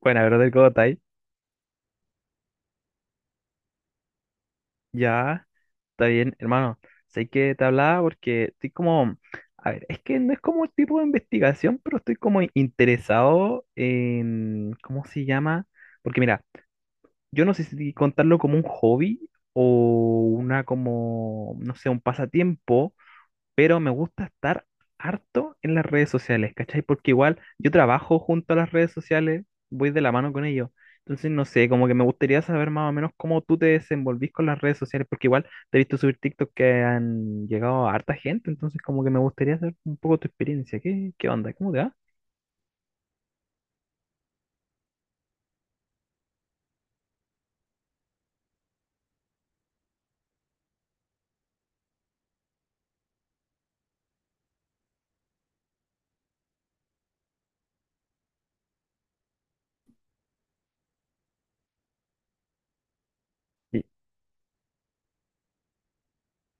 Bueno, brother, ¿cómo está ahí? Ya, está bien, hermano. Sé que te hablaba porque estoy como, a ver, es que no es como tipo de investigación, pero estoy como interesado en, ¿cómo se llama? Porque mira, yo no sé si contarlo como un hobby o una como, no sé, un pasatiempo, pero me gusta estar harto en las redes sociales, ¿cachai? Porque igual yo trabajo junto a las redes sociales, voy de la mano con ellos. Entonces, no sé, como que me gustaría saber más o menos cómo tú te desenvolvís con las redes sociales, porque igual te he visto subir TikTok que han llegado a harta gente, entonces como que me gustaría saber un poco tu experiencia. ¿Qué onda? ¿Cómo te va?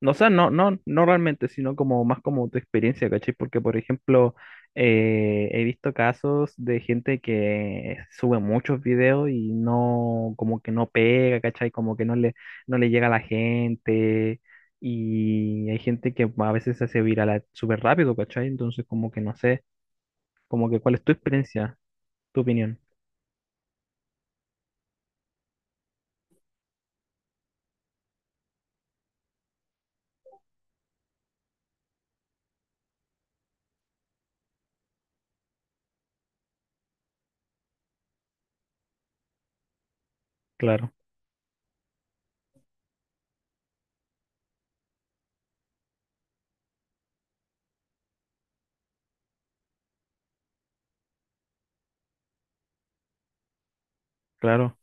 No, o sea, no, no, no realmente, sino como más como tu experiencia, ¿cachai? Porque, por ejemplo, he visto casos de gente que sube muchos videos y no, como que no pega, ¿cachai? Como que no le, no le llega a la gente. Y hay gente que a veces se hace viral súper rápido, ¿cachai? Entonces, como que no sé, como que cuál es tu experiencia, tu opinión. Claro, claro.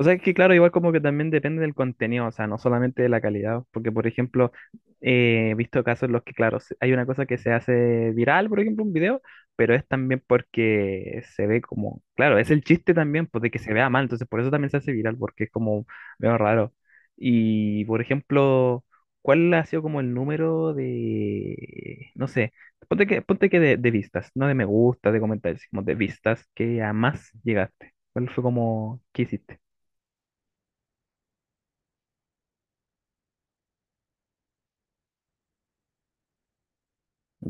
O sea, es que claro, igual como que también depende del contenido, o sea, no solamente de la calidad, porque por ejemplo, he visto casos en los que, claro, hay una cosa que se hace viral, por ejemplo, un video, pero es también porque se ve como, claro, es el chiste también, pues de que se vea mal, entonces por eso también se hace viral, porque es como medio raro. Y por ejemplo, ¿cuál ha sido como el número de, no sé, ponte que de vistas, no de me gusta, de comentarios, como de vistas que a más llegaste? ¿Cuál fue como, qué hiciste?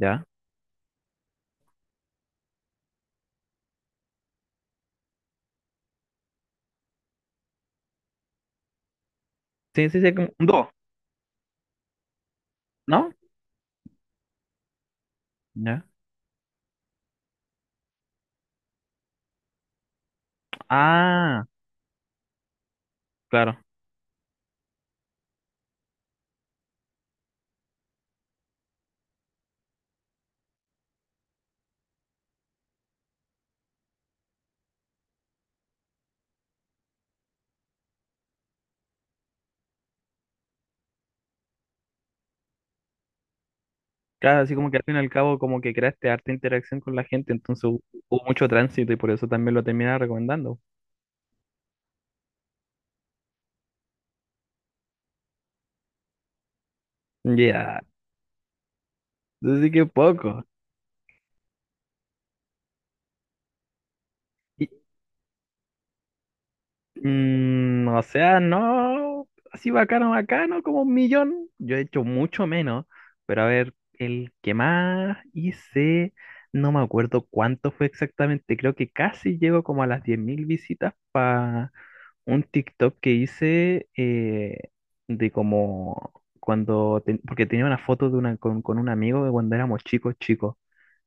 Ya. Sí, sí, sí, como un dúo, ¿no? Ya. Ah, claro. Claro, así como que al fin y al cabo como que creaste harta interacción con la gente, entonces hubo mucho tránsito y por eso también lo terminaba recomendando. Ya. Entonces sí que poco. Y, o sea, no, así bacano, bacano, como un millón. Yo he hecho mucho menos, pero a ver, el que más hice, no me acuerdo cuánto fue exactamente, creo que casi llego como a las 10.000 visitas un TikTok que hice de como cuando, porque tenía una foto de una, con un amigo de cuando éramos chicos, chicos,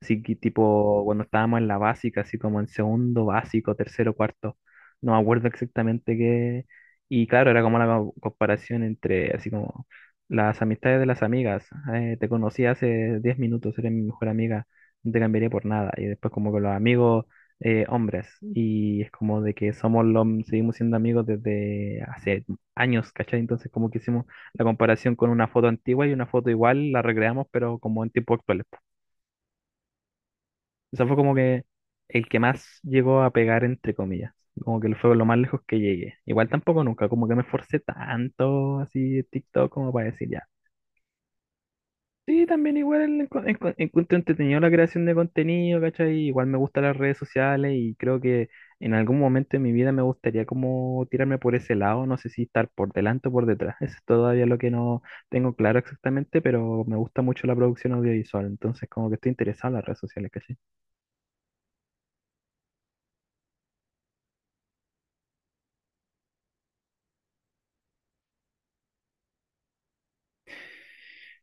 así que tipo cuando estábamos en la básica, así como en segundo básico, tercero, cuarto, no me acuerdo exactamente qué, y claro, era como la comparación entre, así como las amistades de las amigas, te conocí hace 10 minutos, eres mi mejor amiga, no te cambiaría por nada, y después como con los amigos hombres y es como de que somos los, seguimos siendo amigos desde hace años, ¿cachai? Entonces como que hicimos la comparación con una foto antigua y una foto igual, la recreamos pero como en tiempos actuales, po. Eso fue como que el que más llegó a pegar entre comillas, como que fue lo más lejos que llegué. Igual tampoco nunca, como que me esforcé tanto así en TikTok como para decir ya. Sí, también igual encuentro entretenido la creación de contenido, ¿cachai? Igual me gustan las redes sociales y creo que en algún momento de mi vida me gustaría como tirarme por ese lado, no sé si estar por delante o por detrás, eso es todavía lo que no tengo claro exactamente, pero me gusta mucho la producción audiovisual, entonces como que estoy interesado en las redes sociales, ¿cachai?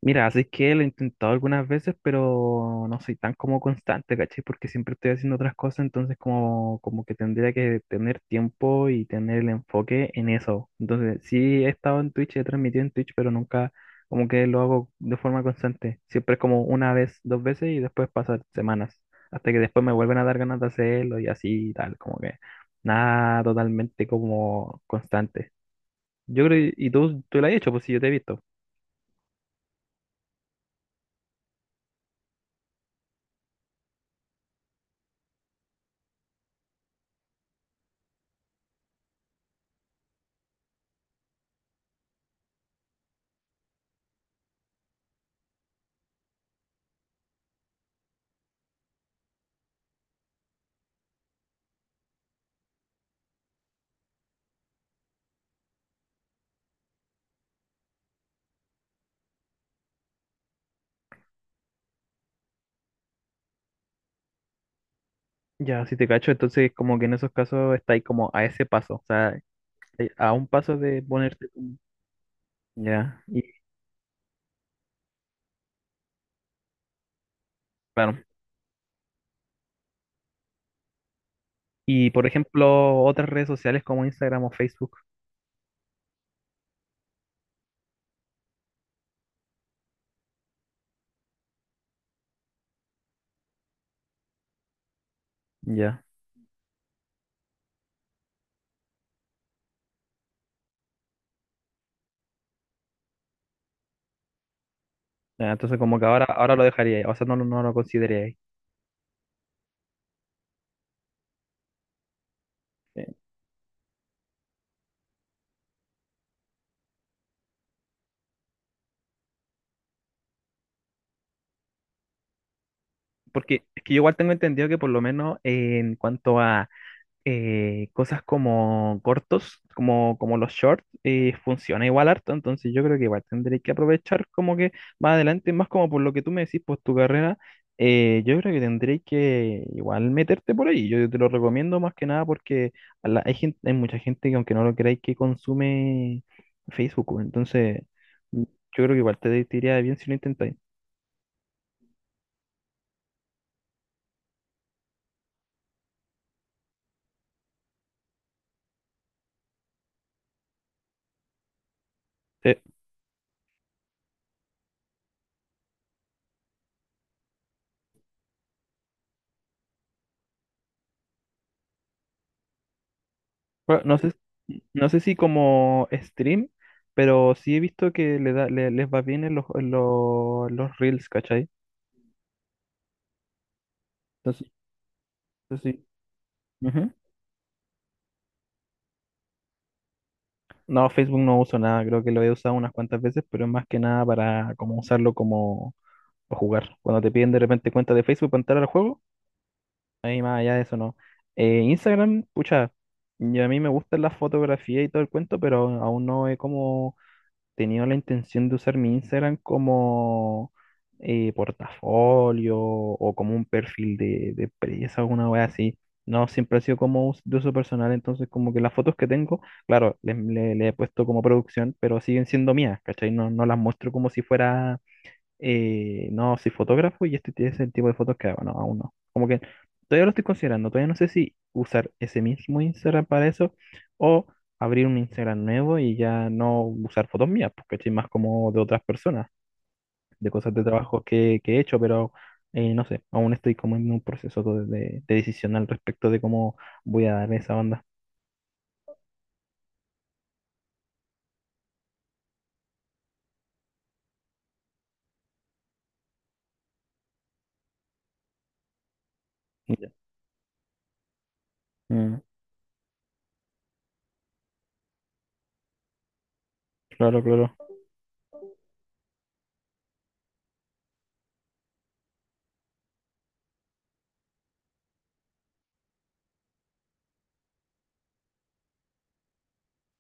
Mira, así es que lo he intentado algunas veces, pero no soy tan como constante, ¿cachai? Porque siempre estoy haciendo otras cosas, entonces como que tendría que tener tiempo y tener el enfoque en eso. Entonces, sí he estado en Twitch, he transmitido en Twitch, pero nunca como que lo hago de forma constante. Siempre es como una vez, dos veces y después pasan semanas, hasta que después me vuelven a dar ganas de hacerlo y así y tal, como que nada totalmente como constante. Yo creo, y tú lo has hecho, pues sí, yo te he visto. Ya, si te cacho, entonces como que en esos casos está ahí como a ese paso, o sea, a un paso de ponerte. Ya, y claro. Y por ejemplo, otras redes sociales como Instagram o Facebook, ya. Ya, entonces como que ahora lo dejaría ahí, o sea, no, no lo consideraría ahí. Eh, Porque es que yo igual tengo entendido que por lo menos en cuanto a cosas como cortos, como los shorts, funciona igual harto, entonces yo creo que igual tendré que aprovechar como que más adelante, más como por lo que tú me decís, pues tu carrera, yo creo que tendréis que igual meterte por ahí, yo te lo recomiendo más que nada porque hay gente, hay mucha gente que aunque no lo creáis que consume Facebook, pues, entonces yo creo que igual te iría bien si lo intentáis. Bueno, no sé si como stream, pero sí he visto que le da, les va bien en los reels, ¿cachai? Entonces, entonces sí. Ujú. No, Facebook no uso nada, creo que lo he usado unas cuantas veces, pero es más que nada para como usarlo como para jugar. Cuando te piden de repente cuenta de Facebook para entrar al juego, ahí más allá de eso no. Instagram, pucha, y a mí me gustan las fotografías y todo el cuento, pero aún no he como. Tenía la intención de usar mi Instagram como portafolio o como un perfil de empresa, alguna wea así. No, siempre ha sido como de uso personal, entonces como que las fotos que tengo, claro, le he puesto como producción, pero siguen siendo mías, ¿cachai? No, no las muestro como si fuera y no, soy fotógrafo y este es el tipo de fotos que hago, no, aún no. Como que todavía lo estoy considerando, todavía no sé si usar ese mismo Instagram para eso o abrir un Instagram nuevo y ya no usar fotos mías, porque estoy más como de otras personas, de cosas de trabajo que he hecho, pero no sé, aún estoy como en un proceso de decisión al respecto de cómo voy a darle esa onda. Ya. Mm, claro, claro.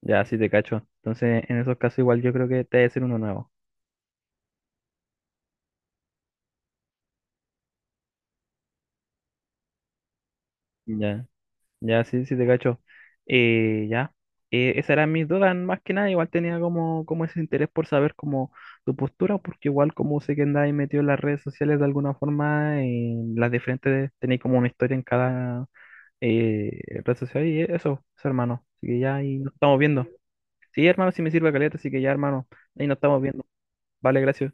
Ya, sí te cacho. Entonces, en esos casos igual yo creo que te debe ser uno nuevo. Ya. Ya, sí, sí, te cacho. Ya. Esas eran mis dudas, más que nada. Igual tenía como ese interés por saber como tu postura, porque igual como sé que andáis metido en las redes sociales de alguna forma, en las diferentes, tenéis como una historia en cada red social y eso, hermano. Así que ya ahí nos estamos viendo. Sí, hermano, sí me sirve caleta, así que ya, hermano, ahí nos estamos viendo. Vale, gracias.